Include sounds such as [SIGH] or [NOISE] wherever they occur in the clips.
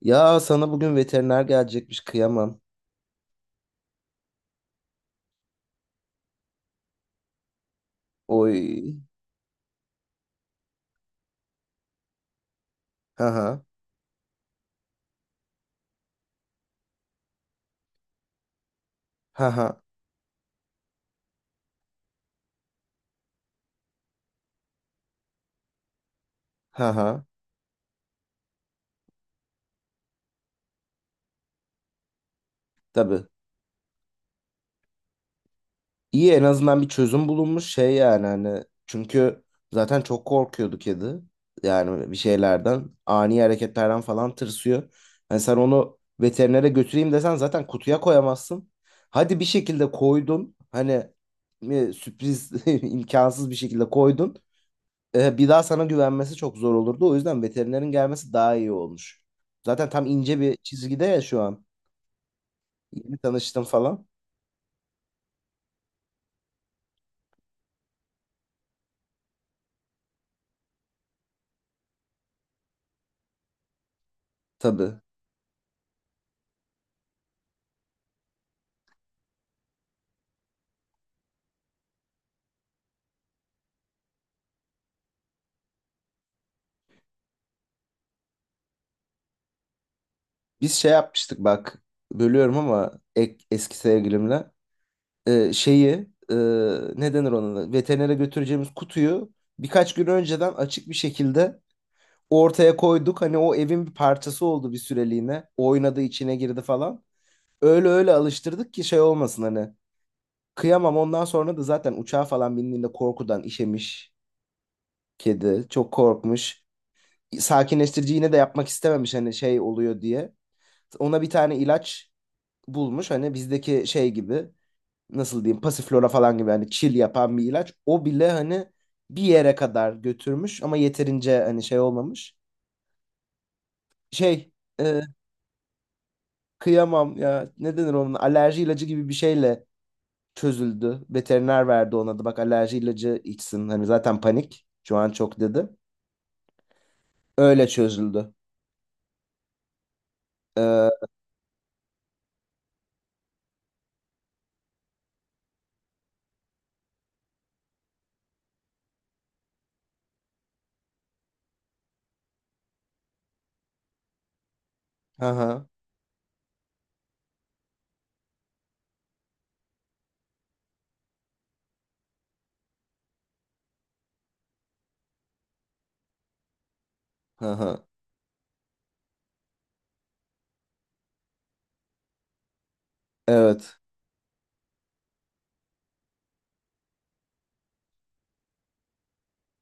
Ya sana bugün veteriner gelecekmiş kıyamam. Oy. Haha. Haha. Haha. Tabii. İyi en azından bir çözüm bulunmuş şey yani hani çünkü zaten çok korkuyordu kedi. Yani bir şeylerden ani hareketlerden falan tırsıyor. Hani sen onu veterinere götüreyim desen zaten kutuya koyamazsın. Hadi bir şekilde koydun. Hani sürpriz [LAUGHS] imkansız bir şekilde koydun. Bir daha sana güvenmesi çok zor olurdu. O yüzden veterinerin gelmesi daha iyi olmuş. Zaten tam ince bir çizgide ya şu an. Yeni tanıştım falan. Tabii. Biz şey yapmıştık bak. Bölüyorum ama eski sevgilimle. Şeyi e, ne denir ona? Veterinere götüreceğimiz kutuyu birkaç gün önceden açık bir şekilde ortaya koyduk. Hani o evin bir parçası oldu bir süreliğine. Oynadı, içine girdi falan. Öyle öyle alıştırdık ki şey olmasın hani. Kıyamam ondan sonra da zaten uçağa falan bindiğinde korkudan işemiş kedi. Çok korkmuş. Sakinleştirici yine de yapmak istememiş hani şey oluyor diye. Ona bir tane ilaç bulmuş hani bizdeki şey gibi nasıl diyeyim pasiflora falan gibi hani chill yapan bir ilaç. O bile hani bir yere kadar götürmüş ama yeterince hani şey olmamış. Şey e, kıyamam ya ne denir onun alerji ilacı gibi bir şeyle çözüldü. Veteriner verdi ona da bak alerji ilacı içsin hani zaten panik şu an çok dedi. Öyle çözüldü. Ee, hı hı, hı hı. Evet.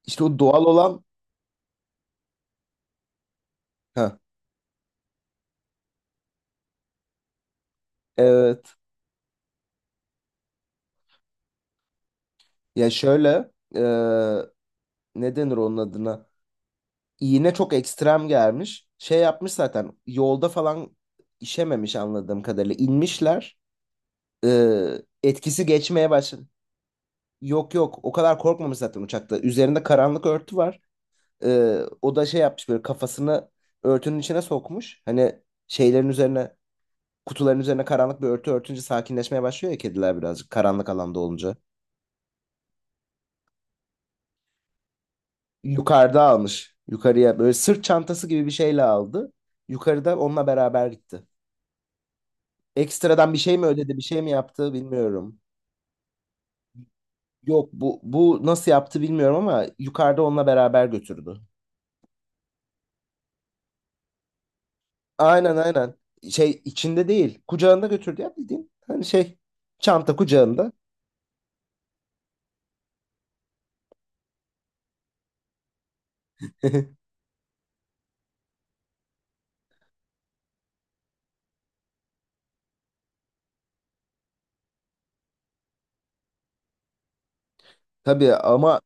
İşte o doğal olan. Ha, evet. Ya şöyle. Ne denir onun adına? İğne çok ekstrem gelmiş. Şey yapmış zaten. Yolda falan işememiş anladığım kadarıyla. İnmişler. Etkisi geçmeye başladı. Yok yok. O kadar korkmamış zaten uçakta. Üzerinde karanlık örtü var. O da şey yapmış böyle kafasını örtünün içine sokmuş. Hani şeylerin üzerine kutuların üzerine karanlık bir örtü örtünce sakinleşmeye başlıyor ya kediler birazcık karanlık alanda olunca. Yukarıda almış. Yukarıya böyle sırt çantası gibi bir şeyle aldı. Yukarıda onunla beraber gitti. Ekstradan bir şey mi ödedi, bir şey mi yaptı bilmiyorum. Yok bu nasıl yaptı bilmiyorum ama yukarıda onunla beraber götürdü. Aynen aynen. Şey içinde değil, kucağında götürdü ya bildiğin. Hani şey çanta kucağında. [LAUGHS] Tabii ama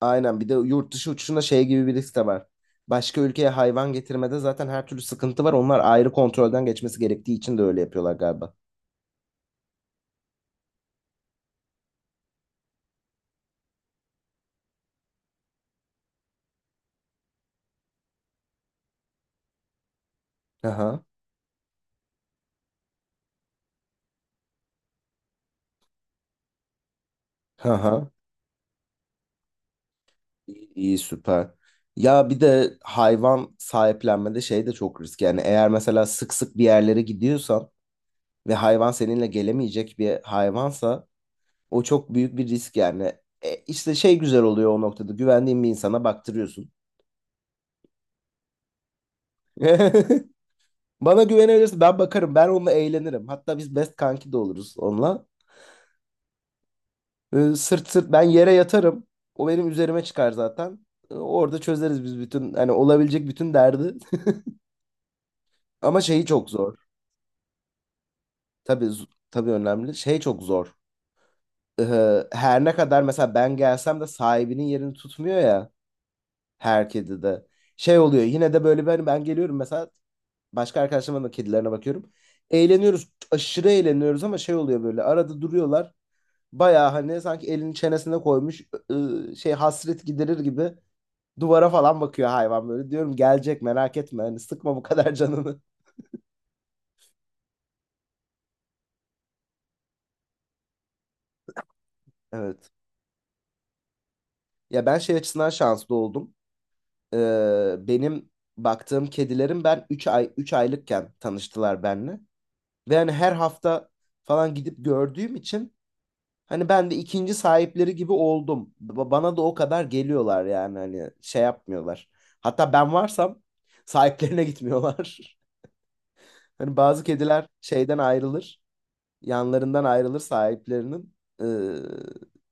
aynen bir de yurt dışı uçuşunda şey gibi bir risk de var. Başka ülkeye hayvan getirmede zaten her türlü sıkıntı var. Onlar ayrı kontrolden geçmesi gerektiği için de öyle yapıyorlar galiba. Aha, aha. İyi, iyi, süper. Ya bir de hayvan sahiplenmede şey de çok risk. Yani eğer mesela sık sık bir yerlere gidiyorsan ve hayvan seninle gelemeyecek bir hayvansa o çok büyük bir risk yani. E, işte şey güzel oluyor o noktada güvendiğin bir insana baktırıyorsun. [LAUGHS] Bana güvenebilirsin. Ben bakarım. Ben onunla eğlenirim. Hatta biz best kanki de oluruz onunla. Sırt sırt ben yere yatarım. O benim üzerime çıkar zaten. Orada çözeriz biz bütün hani olabilecek bütün derdi. [LAUGHS] Ama şeyi çok zor. Tabii tabii önemli. Şey çok zor. Her ne kadar mesela ben gelsem de sahibinin yerini tutmuyor ya her kedi de. Şey oluyor. Yine de böyle ben geliyorum mesela başka arkadaşlarımın da kedilerine bakıyorum. Eğleniyoruz. Aşırı eğleniyoruz ama şey oluyor böyle arada duruyorlar. Bayağı hani sanki elini çenesine koymuş şey hasret giderir gibi duvara falan bakıyor hayvan böyle. Diyorum gelecek merak etme hani sıkma bu kadar canını. [LAUGHS] Evet. Ya ben şey açısından şanslı oldum. Benim baktığım kedilerim ben 3 aylıkken tanıştılar benimle. Ve hani her hafta falan gidip gördüğüm için hani ben de ikinci sahipleri gibi oldum. Bana da o kadar geliyorlar yani hani şey yapmıyorlar. Hatta ben varsam sahiplerine gitmiyorlar. [LAUGHS] Hani bazı kediler şeyden ayrılır, yanlarından ayrılır sahiplerinin. Ee,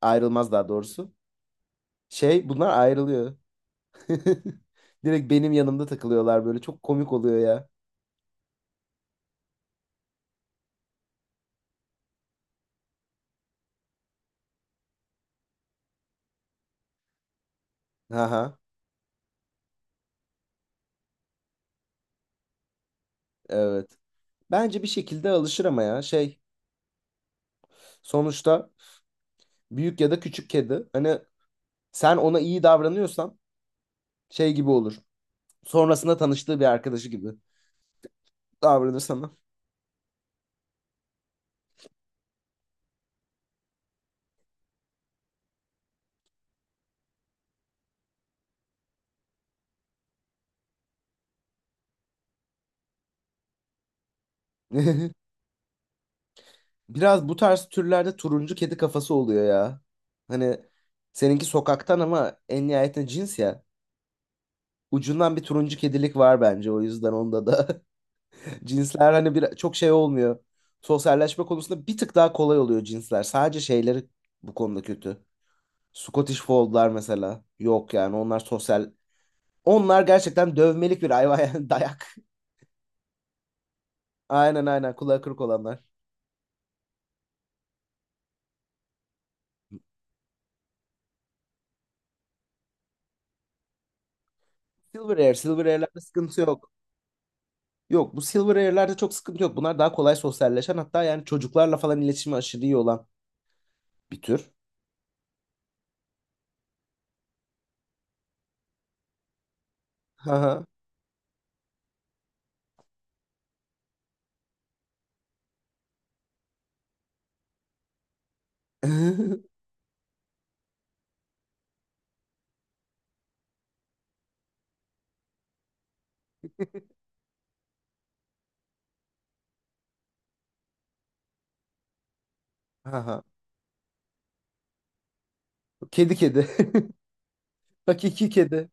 ayrılmaz daha doğrusu. Şey bunlar ayrılıyor. [LAUGHS] Direkt benim yanımda takılıyorlar böyle. Çok komik oluyor ya. Aha, evet. Bence bir şekilde alışır ama ya şey sonuçta büyük ya da küçük kedi. Hani sen ona iyi davranıyorsan şey gibi olur. Sonrasında tanıştığı bir arkadaşı gibi davranır sana. [LAUGHS] Biraz bu tarz türlerde turuncu kedi kafası oluyor ya. Hani seninki sokaktan ama en nihayetinde cins ya. Ucundan bir turuncu kedilik var bence o yüzden onda da. [LAUGHS] Cinsler hani bir, çok şey olmuyor. Sosyalleşme konusunda bir tık daha kolay oluyor cinsler. Sadece şeyleri bu konuda kötü. Scottish Fold'lar mesela. Yok yani onlar sosyal. Onlar gerçekten dövmelik bir hayvan yani [LAUGHS] dayak. Aynen aynen kulağı kırık olanlar. Silver Air'lerde sıkıntı yok. Yok bu Silver Air'lerde çok sıkıntı yok. Bunlar daha kolay sosyalleşen hatta yani çocuklarla falan iletişimi aşırı iyi olan bir tür. Ha [LAUGHS] ha. Kedi kedi. [LAUGHS] Hakiki kedi.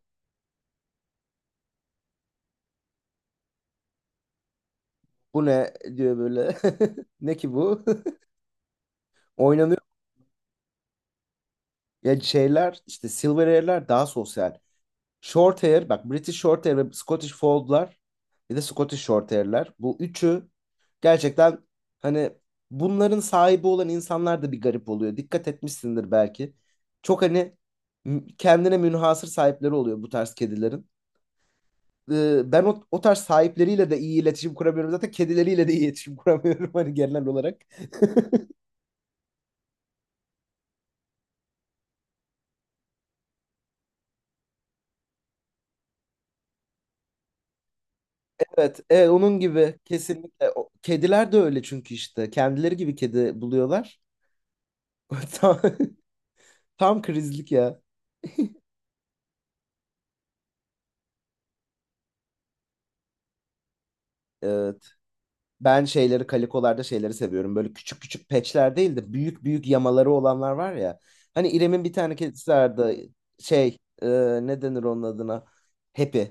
Bu ne diyor böyle. [LAUGHS] Ne ki bu? [LAUGHS] Oynanıyor. Ya şeyler işte Silver Air'ler daha sosyal. Short Air bak British Short Air ve Scottish Fold'lar bir de Scottish Short Air'ler. Bu üçü. Gerçekten hani bunların sahibi olan insanlar da bir garip oluyor. Dikkat etmişsindir belki. Çok hani kendine münhasır sahipleri oluyor bu tarz kedilerin. Ben o tarz sahipleriyle de iyi iletişim kuramıyorum. Zaten kedileriyle de iyi iletişim [LAUGHS] kuramıyorum hani genel olarak. [LAUGHS] Evet, evet onun gibi kesinlikle. Kediler de öyle çünkü işte kendileri gibi kedi buluyorlar. [LAUGHS] Tam, tam krizlik ya. Evet. Ben kalikolarda şeyleri seviyorum. Böyle küçük küçük patchler değil de büyük büyük yamaları olanlar var ya. Hani İrem'in bir tane kedisi vardı. Şey ne denir onun adına? Happy.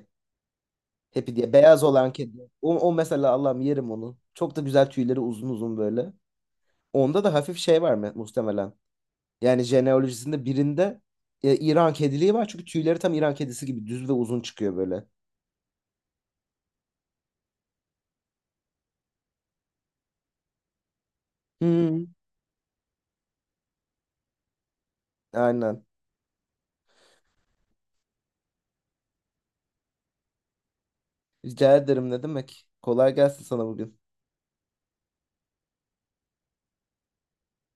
Happy diye. Beyaz olan kedi. O mesela Allah'ım yerim onu. Çok da güzel tüyleri uzun uzun böyle. Onda da hafif şey var mı muhtemelen. Yani jeneolojisinde birinde İran kediliği var. Çünkü tüyleri tam İran kedisi gibi düz ve uzun çıkıyor böyle. Hmm. Aynen. Rica ederim ne demek. Kolay gelsin sana bugün.